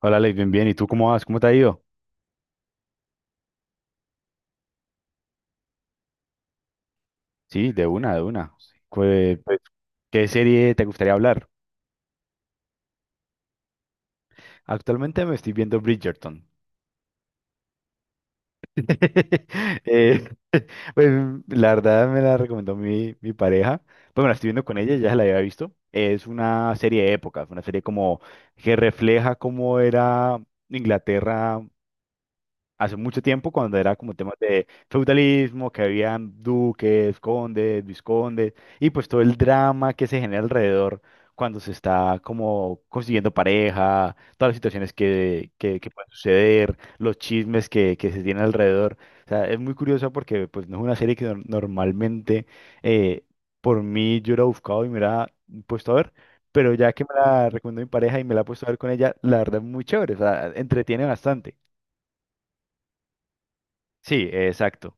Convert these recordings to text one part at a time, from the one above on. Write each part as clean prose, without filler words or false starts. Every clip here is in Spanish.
Hola, Alex, bien, bien. ¿Y tú cómo vas? ¿Cómo te ha ido? Sí, de una, de una. Pues, ¿qué serie te gustaría hablar? Actualmente me estoy viendo Bridgerton. Eh, pues la verdad me la recomendó mi pareja. Pues me la estoy viendo con ella, ya se la había visto. Es una serie de épocas, una serie como que refleja cómo era Inglaterra hace mucho tiempo cuando era como temas de feudalismo, que habían duques, condes, viscondes, y pues todo el drama que se genera alrededor cuando se está como consiguiendo pareja, todas las situaciones que pueden suceder, los chismes que se tienen alrededor. O sea, es muy curioso porque pues no es una serie que normalmente eh, por mí yo hubiera buscado y me hubiera puesto a ver. Pero ya que me la recomendó mi pareja y me la he puesto a ver con ella, la verdad es muy chévere, o sea, entretiene bastante. Sí, exacto.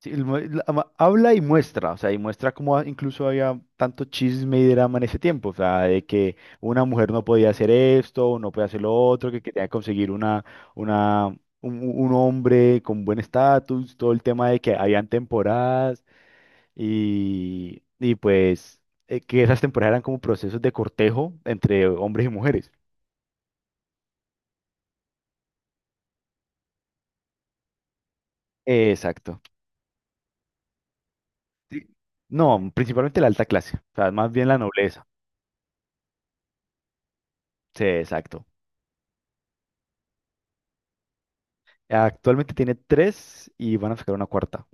Sí, el mu- la- ama- habla y muestra, o sea, y muestra cómo incluso había tanto chisme y drama en ese tiempo, o sea, de que una mujer no podía hacer esto, no podía hacer lo otro, que quería conseguir una, un hombre con buen estatus, todo el tema de que habían temporadas y pues que esas temporadas eran como procesos de cortejo entre hombres y mujeres. Exacto. Sí. No, principalmente la alta clase, o sea, más bien la nobleza. Sí, exacto. Actualmente tiene tres y van a sacar una cuarta.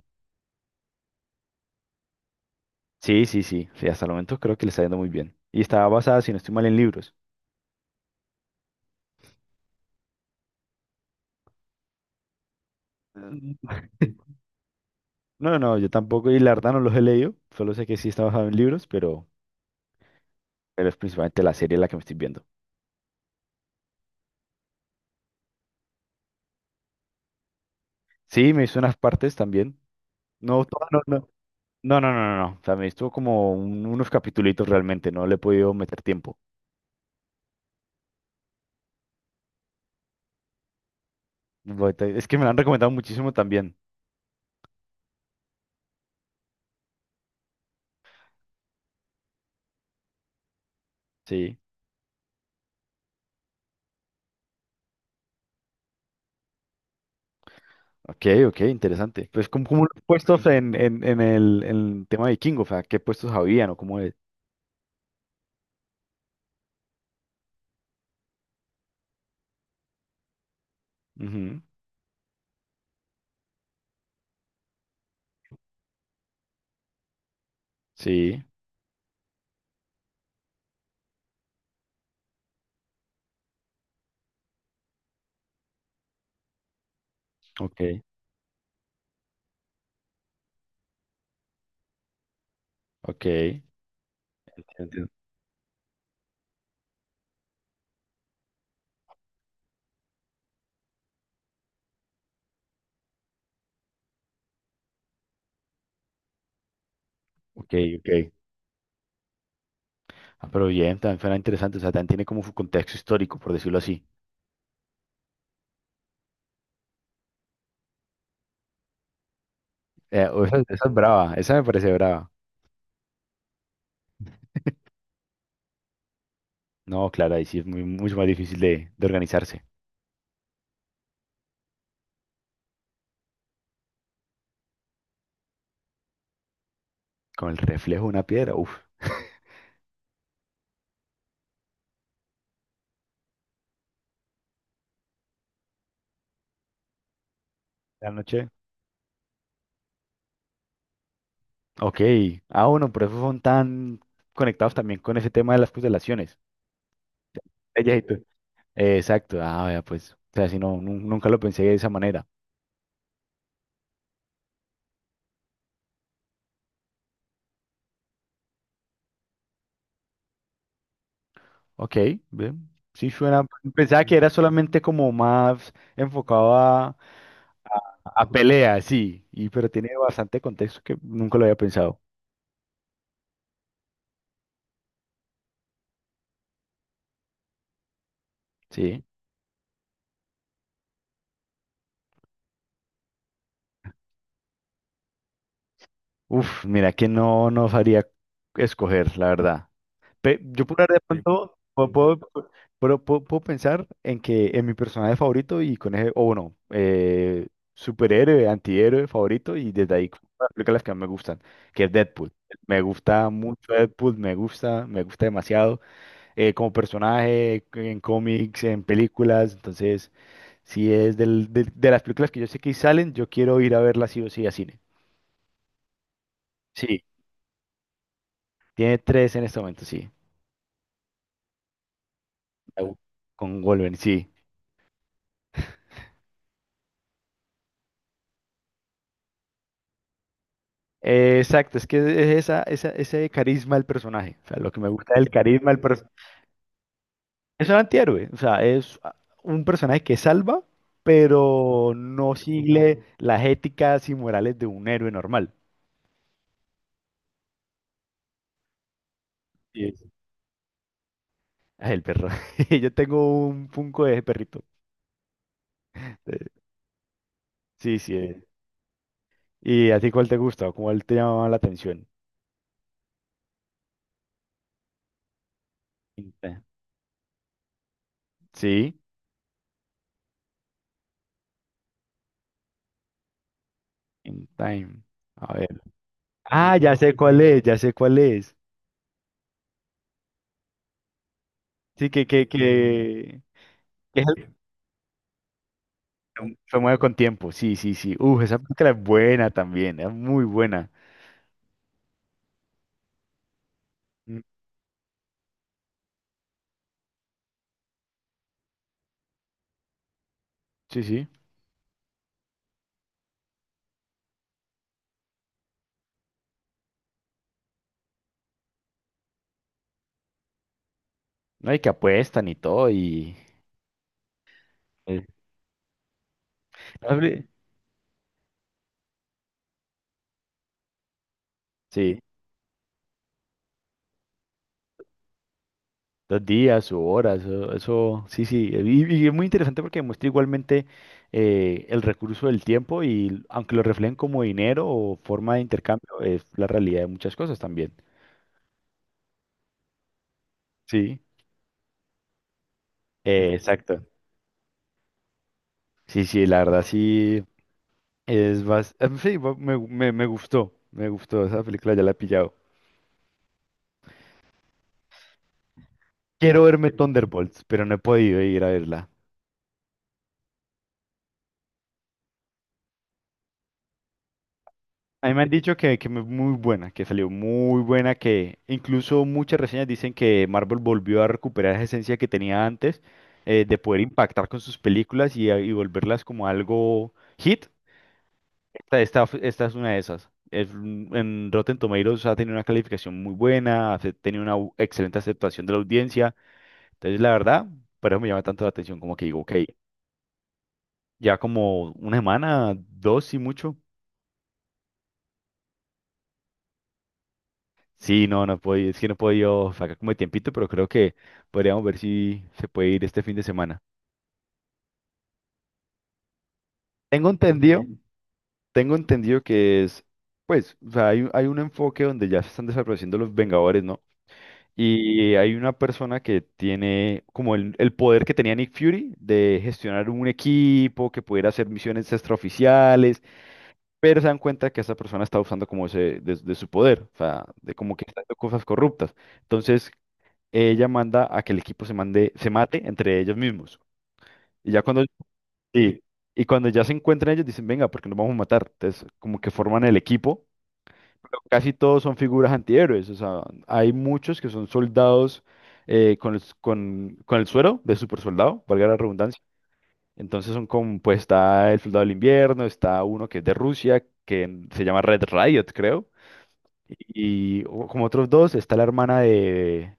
Sí, sí, sí, sí, hasta el momento creo que le está yendo muy bien. Y está basada, si no estoy mal, en libros. Mm. No, no, yo tampoco, y la verdad no los he leído, solo sé que sí está basado en libros, pero es principalmente la serie la que me estoy viendo. Sí, me hizo unas partes también. No, todas, no, no, no, no, no, no, no. O sea, me hizo como unos capitulitos realmente, no le he podido meter tiempo. Es que me la han recomendado muchísimo también. Sí. Ok, ok, interesante. Pues, ¿cómo los puestos en el tema vikingo? O sea, ¿qué puestos habían o cómo es? Ujú. Sí, ok, ok. Entiendo. Ok, ok. Ah, pero bien, también suena interesante. O sea, también tiene como su contexto histórico, por decirlo así. Esa es brava, esa me parece brava. No, claro, ahí sí es mucho más difícil de organizarse. Con el reflejo de una piedra, uff, la noche. Ok. Ah, bueno, por eso son tan conectados también con ese tema de las constelaciones. Exacto, ah, vea, pues, o sea, si no, nunca lo pensé de esa manera. Ok, bien, sí suena, pensaba que era solamente como más enfocado a pelea, sí, pero tiene bastante contexto que nunca lo había pensado, sí. Uf, mira que no sabría escoger, la verdad. Yo puedo hablar de. Sí. Pronto, puedo pensar en que en mi personaje favorito y con ese, o bueno, superhéroe, antihéroe favorito y desde ahí como las películas que más me gustan, que es Deadpool. Me gusta mucho Deadpool, me gusta demasiado como personaje en cómics, en películas, entonces si es del, de las películas que yo sé que salen, yo quiero ir a verlas sí o sí a cine. Sí, tiene tres en este momento, sí. Au. Con Wolverine, sí. Exacto, es que es ese carisma del personaje. O sea, lo que me gusta del carisma del personaje. Es un antihéroe, o sea, un personaje que salva, pero no sigue las éticas y morales de un héroe normal. Sí, es. Ah, el perro. Yo tengo un punco de ese perrito. Eh, Sí, sí. ¿Y a ti cuál te gusta o cuál te llamaba la atención? In Time. Sí, In Time. A ver. Ah, ya sé cuál es, ya sé cuál es. Sí, que es. Fue Mueve con tiempo, sí, sí, sí. Uf, esa película es buena también, es muy buena. Mm, sí, sí. No, y que apuestan y todo, y... eh, la peli- Sí, dos días o horas, eso, sí, sí. Y es muy interesante porque muestra igualmente el recurso del tiempo y aunque lo reflejen como dinero o forma de intercambio, es la realidad de muchas cosas también. Sí, exacto. Sí, sí, la verdad sí es más... Sí, me gustó, esa película ya la he pillado. Quiero verme Thunderbolts, pero no he podido ir a verla. A mí me han dicho que es muy buena, que salió muy buena, que incluso muchas reseñas dicen que Marvel volvió a recuperar esa esencia que tenía antes, de poder impactar con sus películas y volverlas como algo hit. Esta es una de esas. En Rotten Tomatoes ha tenido una calificación muy buena, ha tenido una excelente aceptación de la audiencia. Entonces, la verdad, por eso me llama tanto la atención, como que digo, ok, ya como una semana, dos y mucho. Sí, no puedo ir, es que no puedo yo sacar como de tiempito, pero creo que podríamos ver si se puede ir este fin de semana. Tengo entendido. Ok. Tengo entendido que es, pues, o sea, hay un enfoque donde ya se están desapareciendo los Vengadores, ¿no? Y hay una persona que tiene como el poder que tenía Nick Fury de gestionar un equipo, que pudiera hacer misiones extraoficiales, pero se dan cuenta que esa persona está usando como ese, de su poder, o sea, de como que está haciendo cosas corruptas. Entonces, ella manda a que el equipo se mate entre ellos mismos. Y ya cuando, sí, y cuando ya se encuentran ellos, dicen, venga, porque nos vamos a matar. Entonces, como que forman el equipo. Pero casi todos son figuras antihéroes. O sea, hay muchos que son soldados con el suero de super soldado, valga la redundancia. Entonces son como, pues está el soldado del invierno, está uno que es de Rusia, que se llama Red Riot, creo. Como otros dos, está la hermana de,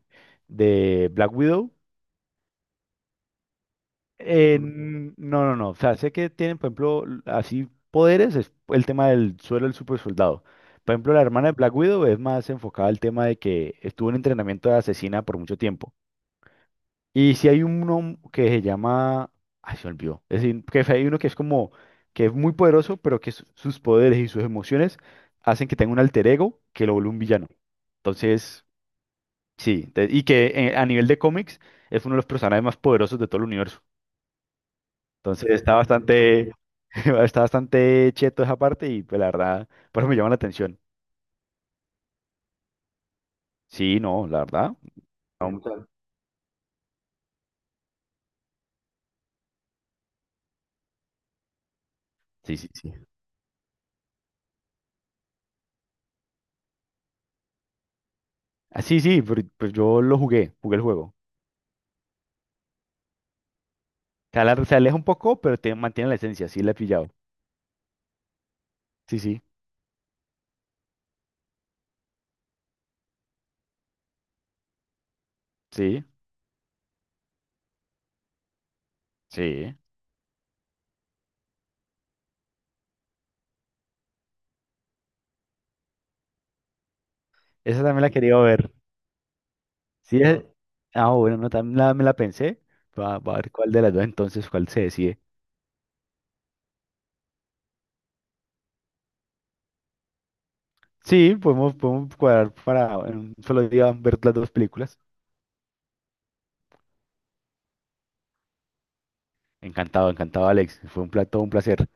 de Black Widow. No, no, no. O sea, sé que tienen, por ejemplo, así poderes, es el tema del suelo del super soldado. Por ejemplo, la hermana de Black Widow es más enfocada al tema de que estuvo en entrenamiento de asesina por mucho tiempo. Y si hay uno que se llama... Ay, se me olvidó. Es decir, que hay uno que es como... que es muy poderoso, pero que sus poderes y sus emociones hacen que tenga un alter ego que lo vuelve un villano. Entonces, sí. Y que a nivel de cómics es uno de los personajes más poderosos de todo el universo. Entonces está bastante, está bastante cheto esa parte y pues la verdad, por eso me llama la atención. Sí, no, la verdad. No, sí, sí, sí. Ah, sí, sí, pero, pues yo lo jugué, jugué el juego. Se aleja un poco, pero te mantiene la esencia, sí la he pillado. Sí, sí, sí, sí. Esa también la quería ver. Sí, ah, bueno, no, también me la pensé. Va, va a ver cuál de las dos entonces, cuál se decide. Sí, podemos, cuadrar para en un solo día ver las dos películas. Encantado, encantado, Alex. Fue un plato, un placer.